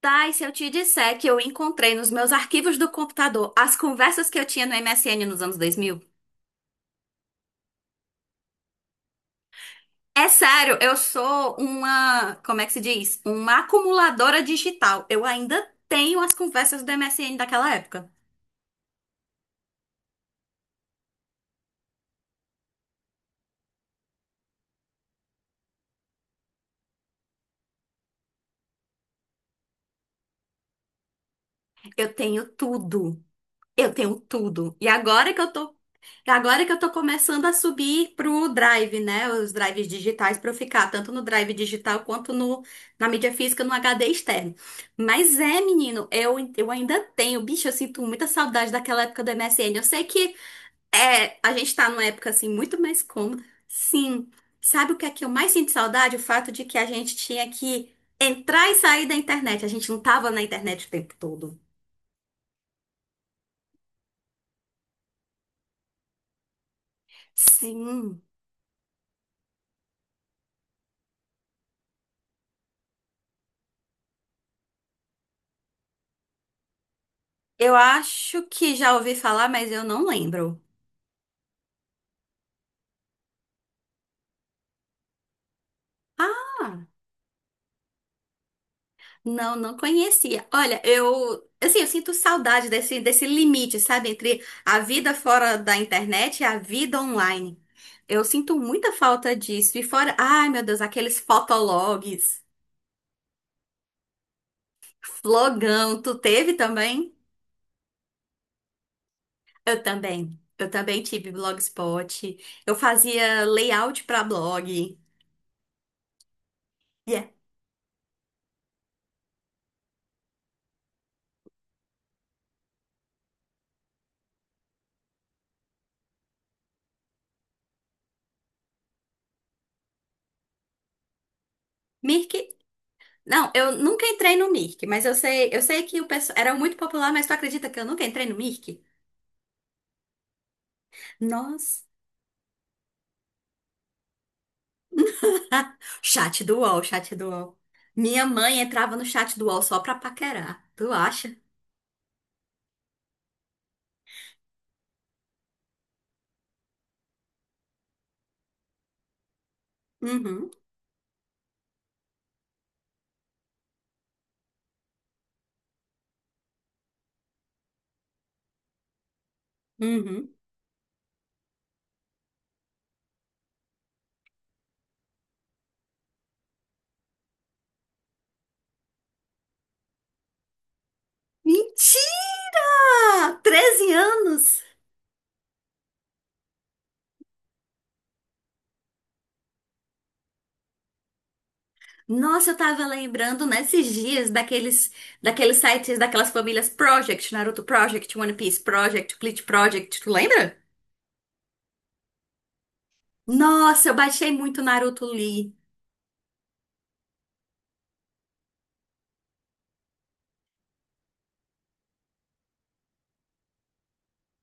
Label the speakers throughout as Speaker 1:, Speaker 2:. Speaker 1: Tá, e se eu te disser que eu encontrei nos meus arquivos do computador as conversas que eu tinha no MSN nos anos 2000? É sério, eu sou uma, como é que se diz? Uma acumuladora digital. Eu ainda tenho as conversas do MSN daquela época. Eu tenho tudo. Eu tenho tudo. E agora que eu tô Agora que eu tô começando a subir pro Drive, né? Os drives digitais pra eu ficar, tanto no Drive digital quanto na mídia física, no HD externo. Mas é, menino, eu ainda tenho, bicho, eu sinto muita saudade daquela época do MSN. Eu sei que é, a gente tá numa época assim muito mais cômoda. Sim. Sabe o que é que eu mais sinto saudade? O fato de que a gente tinha que entrar e sair da internet. A gente não tava na internet o tempo todo. Sim. Eu acho que já ouvi falar, mas eu não lembro. Ah, não, não conhecia. Olha, eu, assim, eu sinto saudade desse limite, sabe, entre a vida fora da internet e a vida online. Eu sinto muita falta disso. E fora, ai, meu Deus, aqueles fotologs, flogão, tu teve também? Eu também. Eu também tive Blogspot. Eu fazia layout pra blog. Yeah. Mirk? Não, eu nunca entrei no Mirk, mas eu sei que o pessoal era muito popular, mas tu acredita que eu nunca entrei no Mirk? Nossa. Chat do UOL, chat do UOL. Minha mãe entrava no chat do UOL só pra paquerar. Tu acha? Uhum, uhum. Mentira! 13 anos! Nossa, eu tava lembrando nesses dias daqueles sites, daquelas famílias Project, Naruto Project, One Piece Project, Bleach Project, tu lembra? Nossa, eu baixei muito Naruto Lee.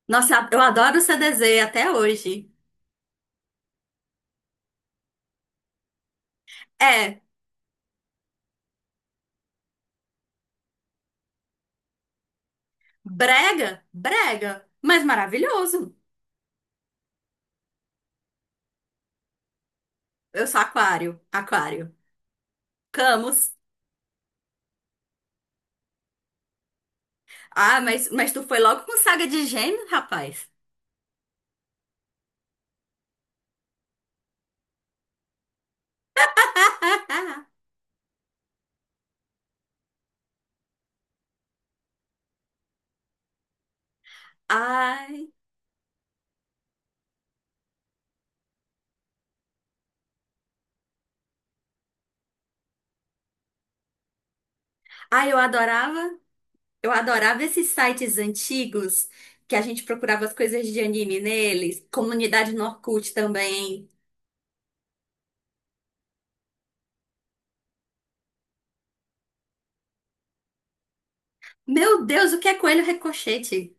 Speaker 1: Nossa, eu adoro o CDZ até hoje. É, brega, brega, mas maravilhoso. Eu sou aquário, aquário. Camus. Ah, mas tu foi logo com saga de gêmeos, rapaz. Ah, Ai, ai, eu adorava esses sites antigos que a gente procurava as coisas de anime neles, comunidade no Orkut também. Meu Deus, o que é Coelho Ricochete?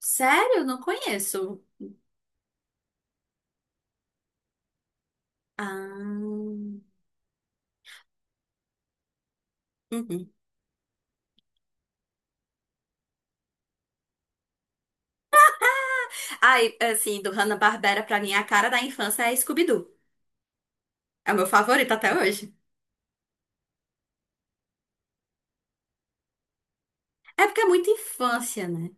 Speaker 1: Sério? Não conheço. Ah, uhum. Ai, assim, do Hanna-Barbera pra mim, a cara da infância é Scooby-Doo. É o meu favorito até hoje. É porque é muita infância, né?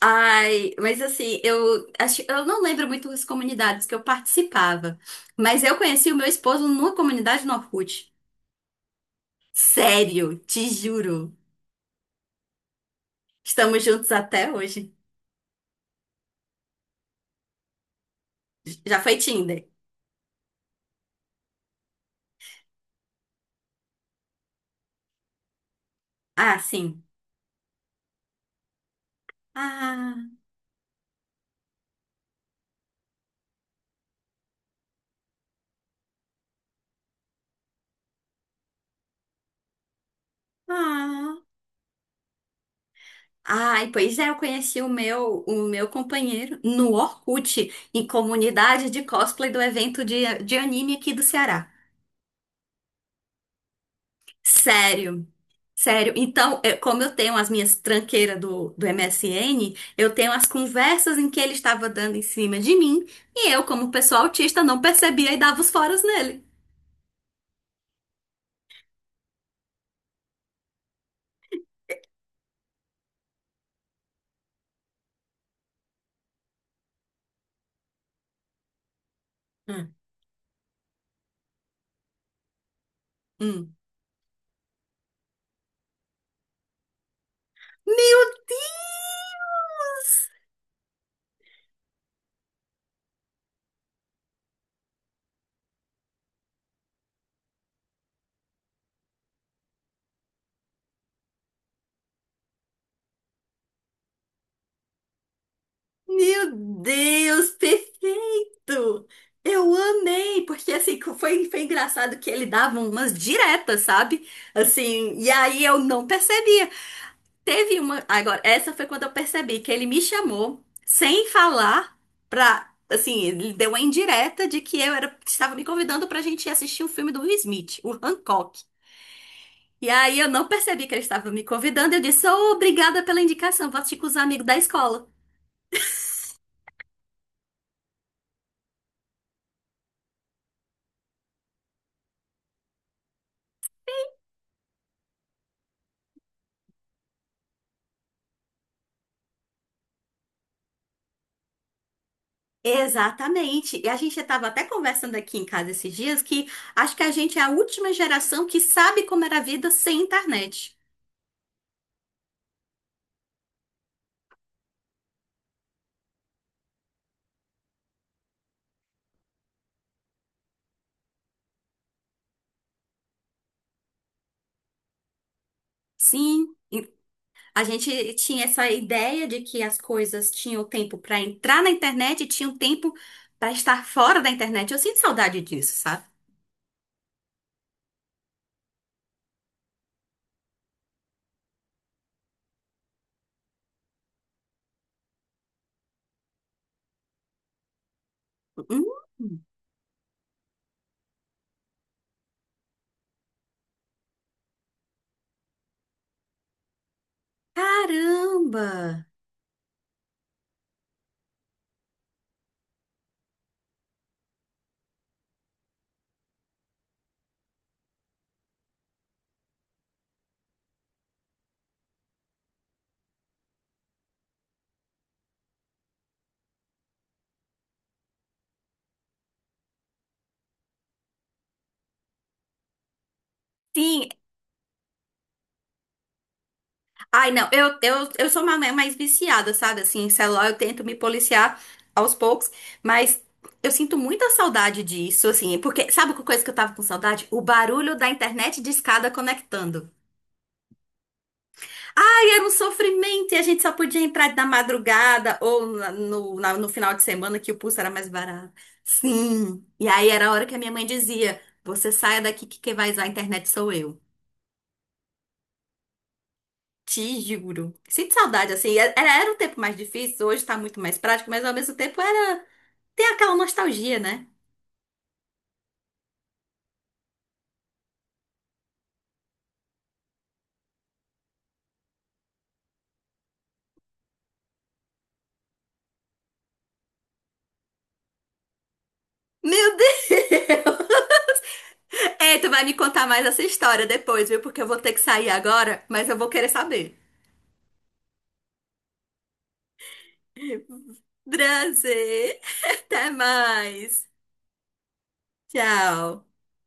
Speaker 1: Ai, mas assim, eu acho, eu não lembro muito as comunidades que eu participava, mas eu conheci o meu esposo numa comunidade no Orkut. Sério, te juro. Estamos juntos até hoje. Já foi Tinder? Ah, sim. Ah, ah. Ai, pois é, eu conheci o meu companheiro no Orkut, em comunidade de cosplay do evento de anime aqui do Ceará. Sério, sério. Então, eu- como eu tenho as minhas tranqueiras do MSN, eu tenho as conversas em que ele estava dando em cima de mim, e eu, como pessoa autista, não percebia e dava os foras nele. Hum. Hum. Meu Deus! Meu Deus, perfeito! Eu amei, porque assim, foi engraçado que ele dava umas diretas, sabe? Assim, e aí eu não percebia. Teve uma. Agora, essa foi quando eu percebi que ele me chamou sem falar pra. Assim, ele deu uma indireta de que eu era, estava me convidando pra gente ir assistir um filme do Will Smith, o Hancock. E aí eu não percebi que ele estava me convidando. Eu disse, "Ô, obrigada pela indicação, vou assistir com os amigos da escola." Exatamente. E a gente estava até conversando aqui em casa esses dias que acho que a gente é a última geração que sabe como era a vida sem internet. Sim. A gente tinha essa ideia de que as coisas tinham tempo para entrar na internet e tinham tempo para estar fora da internet. Eu sinto saudade disso, sabe? Hum, caramba! Sim, ai não, eu sou uma mais viciada, sabe? Assim, em celular eu tento me policiar aos poucos, mas eu sinto muita saudade disso, assim, porque sabe que coisa que eu tava com saudade? O barulho da internet de escada conectando. Ai, era um sofrimento e a gente só podia entrar na madrugada ou no final de semana que o pulso era mais barato. Sim. E aí era a hora que a minha mãe dizia: "Você saia daqui que quem vai usar a internet sou eu." Te juro. Sinto saudade, assim. Era um tempo mais difícil, hoje tá muito mais prático, mas ao mesmo tempo era. Tem aquela nostalgia, né? Meu Deus! Ei, tu vai me contar mais essa história depois, viu? Porque eu vou ter que sair agora, mas eu vou querer saber. Prazer! Até mais! Tchau.